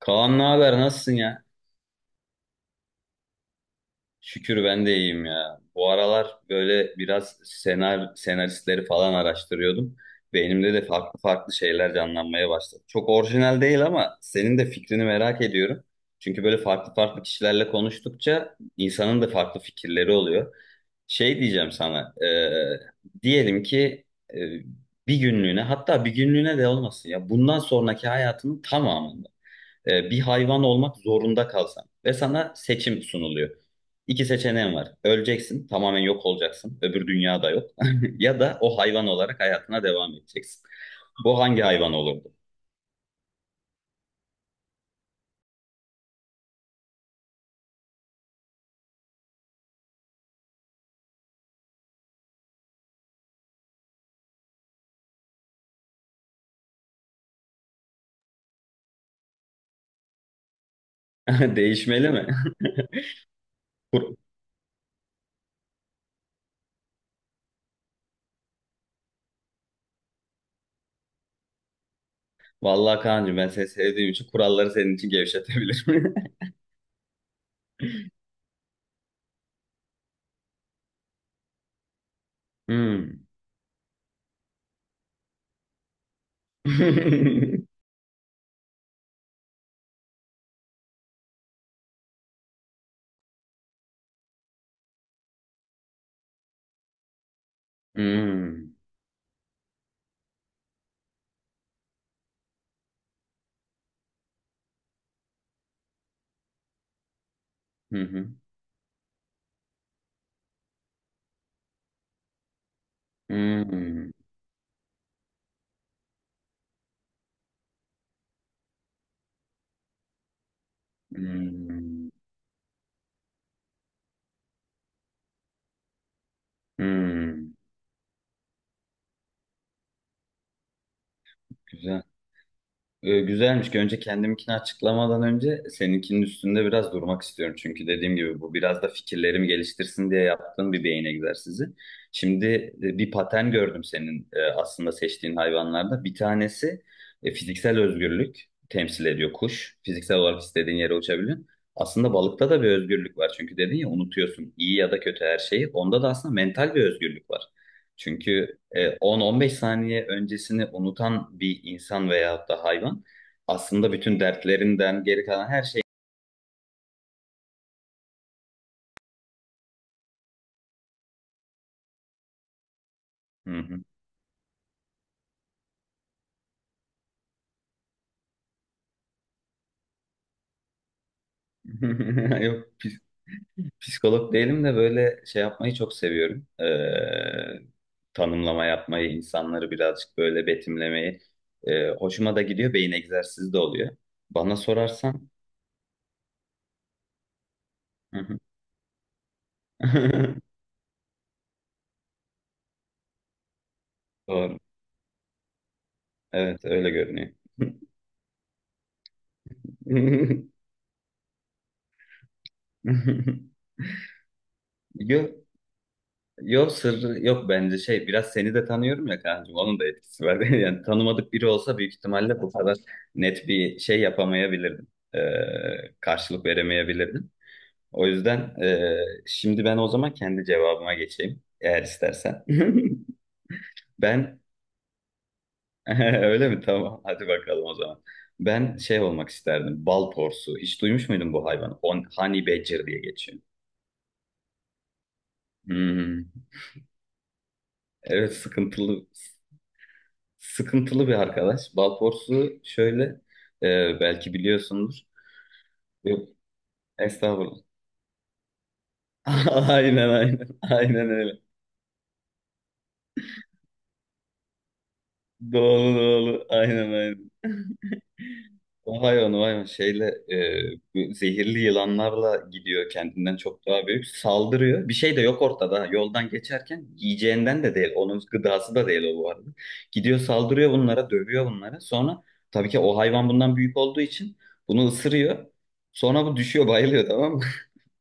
Kaan ne haber? Nasılsın ya? Şükür ben de iyiyim ya. Bu aralar böyle biraz senaristleri falan araştırıyordum. Beynimde de farklı farklı şeyler canlanmaya başladı. Çok orijinal değil ama senin de fikrini merak ediyorum. Çünkü böyle farklı farklı kişilerle konuştukça insanın da farklı fikirleri oluyor. Şey diyeceğim sana, diyelim ki e, bir günlüğüne hatta bir günlüğüne de olmasın ya bundan sonraki hayatının tamamı. Bir hayvan olmak zorunda kalsan ve sana seçim sunuluyor. İki seçeneğin var. Öleceksin, tamamen yok olacaksın. Öbür dünyada yok. Ya da o hayvan olarak hayatına devam edeceksin. Bu hangi hayvan olurdu? Değişmeli mi? Kur- Vallahi Kaan'cığım ben seni sevdiğim için kuralları senin için gevşetebilirim. Hmm. Hmm. Hı hı. Hmm. Hmm. Hmm. Güzel. Güzelmiş ki önce kendiminkini açıklamadan önce seninkinin üstünde biraz durmak istiyorum. Çünkü dediğim gibi bu biraz da fikirlerimi geliştirsin diye yaptığım bir beyin egzersizi. Şimdi bir patern gördüm senin aslında seçtiğin hayvanlarda. Bir tanesi fiziksel özgürlük temsil ediyor kuş. Fiziksel olarak istediğin yere uçabiliyorsun. Aslında balıkta da bir özgürlük var. Çünkü dedin ya unutuyorsun iyi ya da kötü her şeyi. Onda da aslında mental bir özgürlük var. Çünkü 10-15 saniye öncesini unutan bir insan veyahut da hayvan aslında bütün dertlerinden geri kalan her şey. Hı hı. Yok, psikolog değilim de böyle şey yapmayı çok seviyorum. Tanımlama yapmayı, insanları birazcık böyle betimlemeyi. Hoşuma da gidiyor, beyin egzersizi de oluyor. Bana sorarsan. Hı hı. Doğru. Evet, öyle görünüyor. Yok, yok sırrı yok bence şey biraz seni de tanıyorum ya kancım onun da etkisi var. Yani tanımadık biri olsa büyük ihtimalle bu kadar net bir şey yapamayabilirdim. Ee, karşılık veremeyebilirdim. O yüzden şimdi ben o zaman kendi cevabıma geçeyim eğer istersen. Ben öyle mi? Tamam, hadi bakalım o zaman. Ben şey olmak isterdim, bal porsu. Hiç duymuş muydun bu hayvanı? Honey badger diye geçiyor. Hmm. Evet, sıkıntılı sıkıntılı bir arkadaş. Balporsu şöyle, belki biliyorsundur. Yok, estağfurullah. Aynen, aynen. Aynen öyle. Doğru, doğru. Aynen, aynen. O hayvan, o hayvan şeyle, bu zehirli yılanlarla gidiyor kendinden çok daha büyük. Saldırıyor. Bir şey de yok ortada. Ha. Yoldan geçerken yiyeceğinden de değil. Onun gıdası da değil o bu arada. Gidiyor saldırıyor bunlara, dövüyor bunlara. Sonra tabii ki o hayvan bundan büyük olduğu için bunu ısırıyor. Sonra bu düşüyor bayılıyor, tamam mı?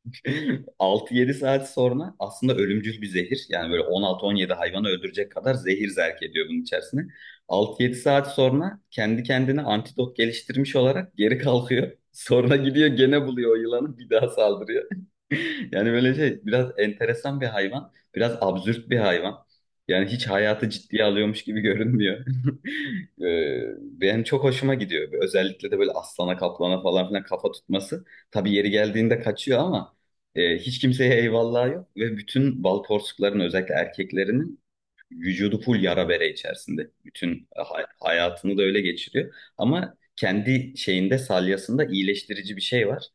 6 yedi saat sonra aslında ölümcül bir zehir. Yani böyle 16-17 hayvanı öldürecek kadar zehir zerk ediyor bunun içerisine. 6 yedi saat sonra kendi kendine antidot geliştirmiş olarak geri kalkıyor. Sonra gidiyor gene buluyor o yılanı, bir daha saldırıyor. Yani böyle şey, biraz enteresan bir hayvan. Biraz absürt bir hayvan. Yani hiç hayatı ciddiye alıyormuş gibi görünmüyor. Benim çok hoşuma gidiyor. Özellikle de böyle aslana kaplana falan filan kafa tutması. Tabii yeri geldiğinde kaçıyor ama hiç kimseye eyvallah yok ve bütün bal porsukların özellikle erkeklerinin vücudu full yara bere içerisinde. Bütün hayatını da öyle geçiriyor. Ama kendi şeyinde, salyasında iyileştirici bir şey var.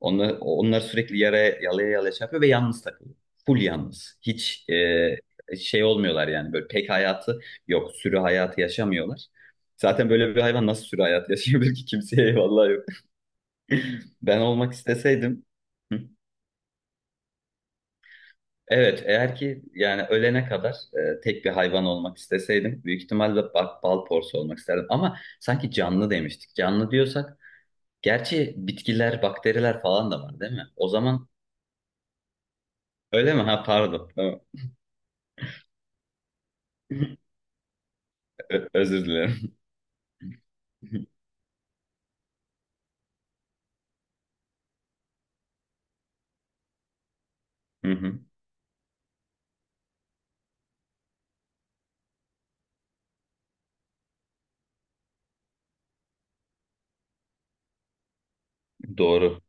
Onlar sürekli yalaya yalaya şey yapıyor ve yalnız takılıyor. Full yalnız. Hiç şey olmuyorlar yani, böyle pek hayatı yok. Sürü hayatı yaşamıyorlar. Zaten böyle bir hayvan nasıl sürü hayatı yaşayabilir ki, kimseye eyvallah yok. Ben olmak isteseydim. Hı? Evet, eğer ki yani ölene kadar tek bir hayvan olmak isteseydim büyük ihtimalle bak, bal porsu olmak isterdim. Ama sanki canlı demiştik. Canlı diyorsak gerçi bitkiler, bakteriler falan da var değil mi? O zaman öyle mi? Ha, pardon. Tamam. Özür dilerim. Hı hı. Doğru.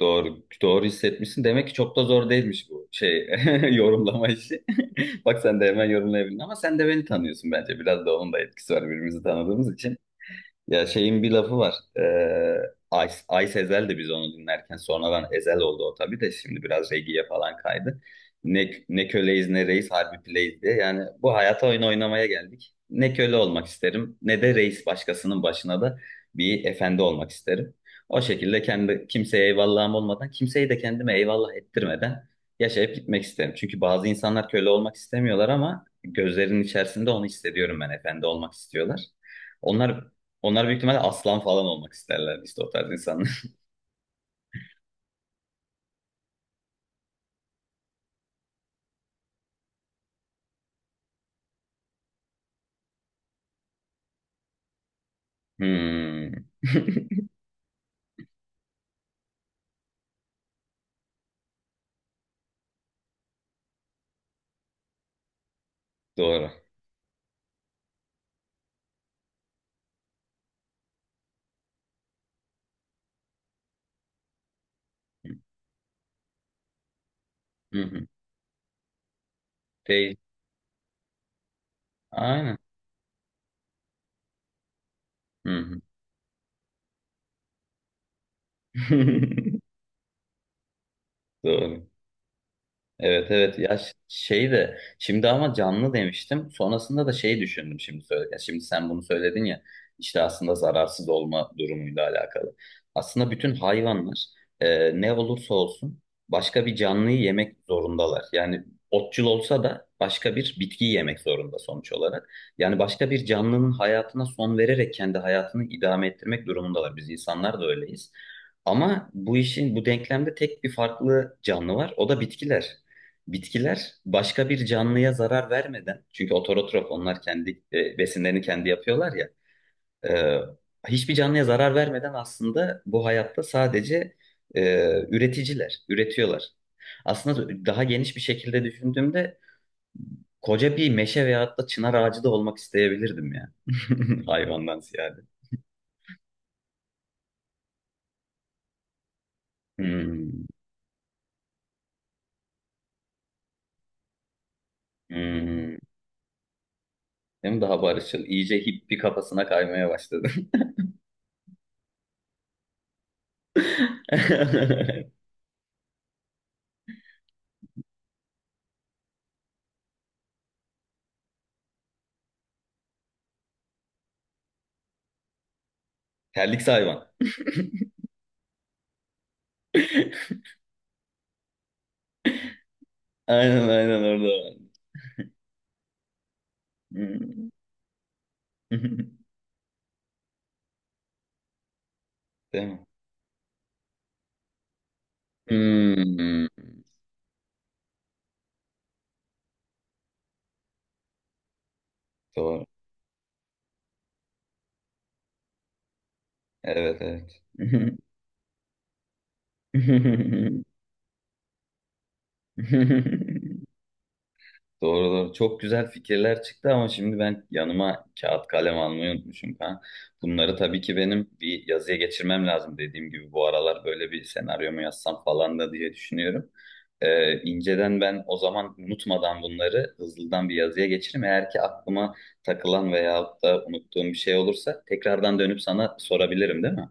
Doğru. Doğru hissetmişsin. Demek ki çok da zor değilmiş bu şey yorumlama işi. Bak sen de hemen yorumlayabildin ama sen de beni tanıyorsun bence. Biraz da onun da etkisi var, birbirimizi tanıdığımız için. Ya şeyin bir lafı var. Ee, Ay Sezel de biz onu dinlerken sonradan Ezel oldu o tabii de şimdi biraz reggae'ye falan kaydı. Ne köleyiz ne reis, harbi plays diye. Yani bu hayata oyun oynamaya geldik. Ne köle olmak isterim ne de reis, başkasının başına da bir efendi olmak isterim. O şekilde kendi kimseye eyvallahım olmadan, kimseyi de kendime eyvallah ettirmeden yaşayıp gitmek isterim. Çünkü bazı insanlar köle olmak istemiyorlar ama gözlerinin içerisinde onu hissediyorum ben, efendi olmak istiyorlar. Onlar onlar büyük ihtimalle aslan falan olmak isterler işte, o tarz insanlar. Hmm. Doğru. Hı hı. Peki. Aynen. Hı hı. Doğru. Evet, evet ya, şey de şimdi, ama canlı demiştim sonrasında da şey düşündüm şimdi söylerken, şimdi sen bunu söyledin ya, işte aslında zararsız olma durumuyla alakalı, aslında bütün hayvanlar ne olursa olsun başka bir canlıyı yemek zorundalar. Yani otçul olsa da başka bir bitkiyi yemek zorunda sonuç olarak, yani başka bir canlının hayatına son vererek kendi hayatını idame ettirmek durumundalar, biz insanlar da öyleyiz. Ama bu işin, bu denklemde tek bir farklı canlı var. O da bitkiler. Bitkiler başka bir canlıya zarar vermeden, çünkü ototrof onlar, kendi besinlerini kendi yapıyorlar ya, e, hiçbir canlıya zarar vermeden, aslında bu hayatta sadece e, üreticiler, üretiyorlar. Aslında daha geniş bir şekilde düşündüğümde koca bir meşe veyahut da çınar ağacı da olmak isteyebilirdim ya. Hayvandan ziyade. Hmm, hmm. Hem daha barışçıl, iyice hippi kafasına kaymaya başladım. Terlik hayvan. Aynen, aynen, orada var. Hmm. Değil mi? Hmm. Doğru. Evet, evet. Doğru, doğru. Çok güzel fikirler çıktı ama şimdi ben yanıma kağıt kalem almayı unutmuşum falan. Bunları tabii ki benim bir yazıya geçirmem lazım, dediğim gibi bu aralar böyle bir senaryo mu yazsam falan da diye düşünüyorum. İnceden ben o zaman unutmadan bunları hızlıdan bir yazıya geçiririm. Eğer ki aklıma takılan veyahut da unuttuğum bir şey olursa tekrardan dönüp sana sorabilirim değil mi?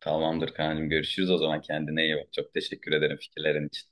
Tamamdır Kaan'cığım, görüşürüz o zaman, kendine iyi bak. Çok teşekkür ederim fikirlerin için.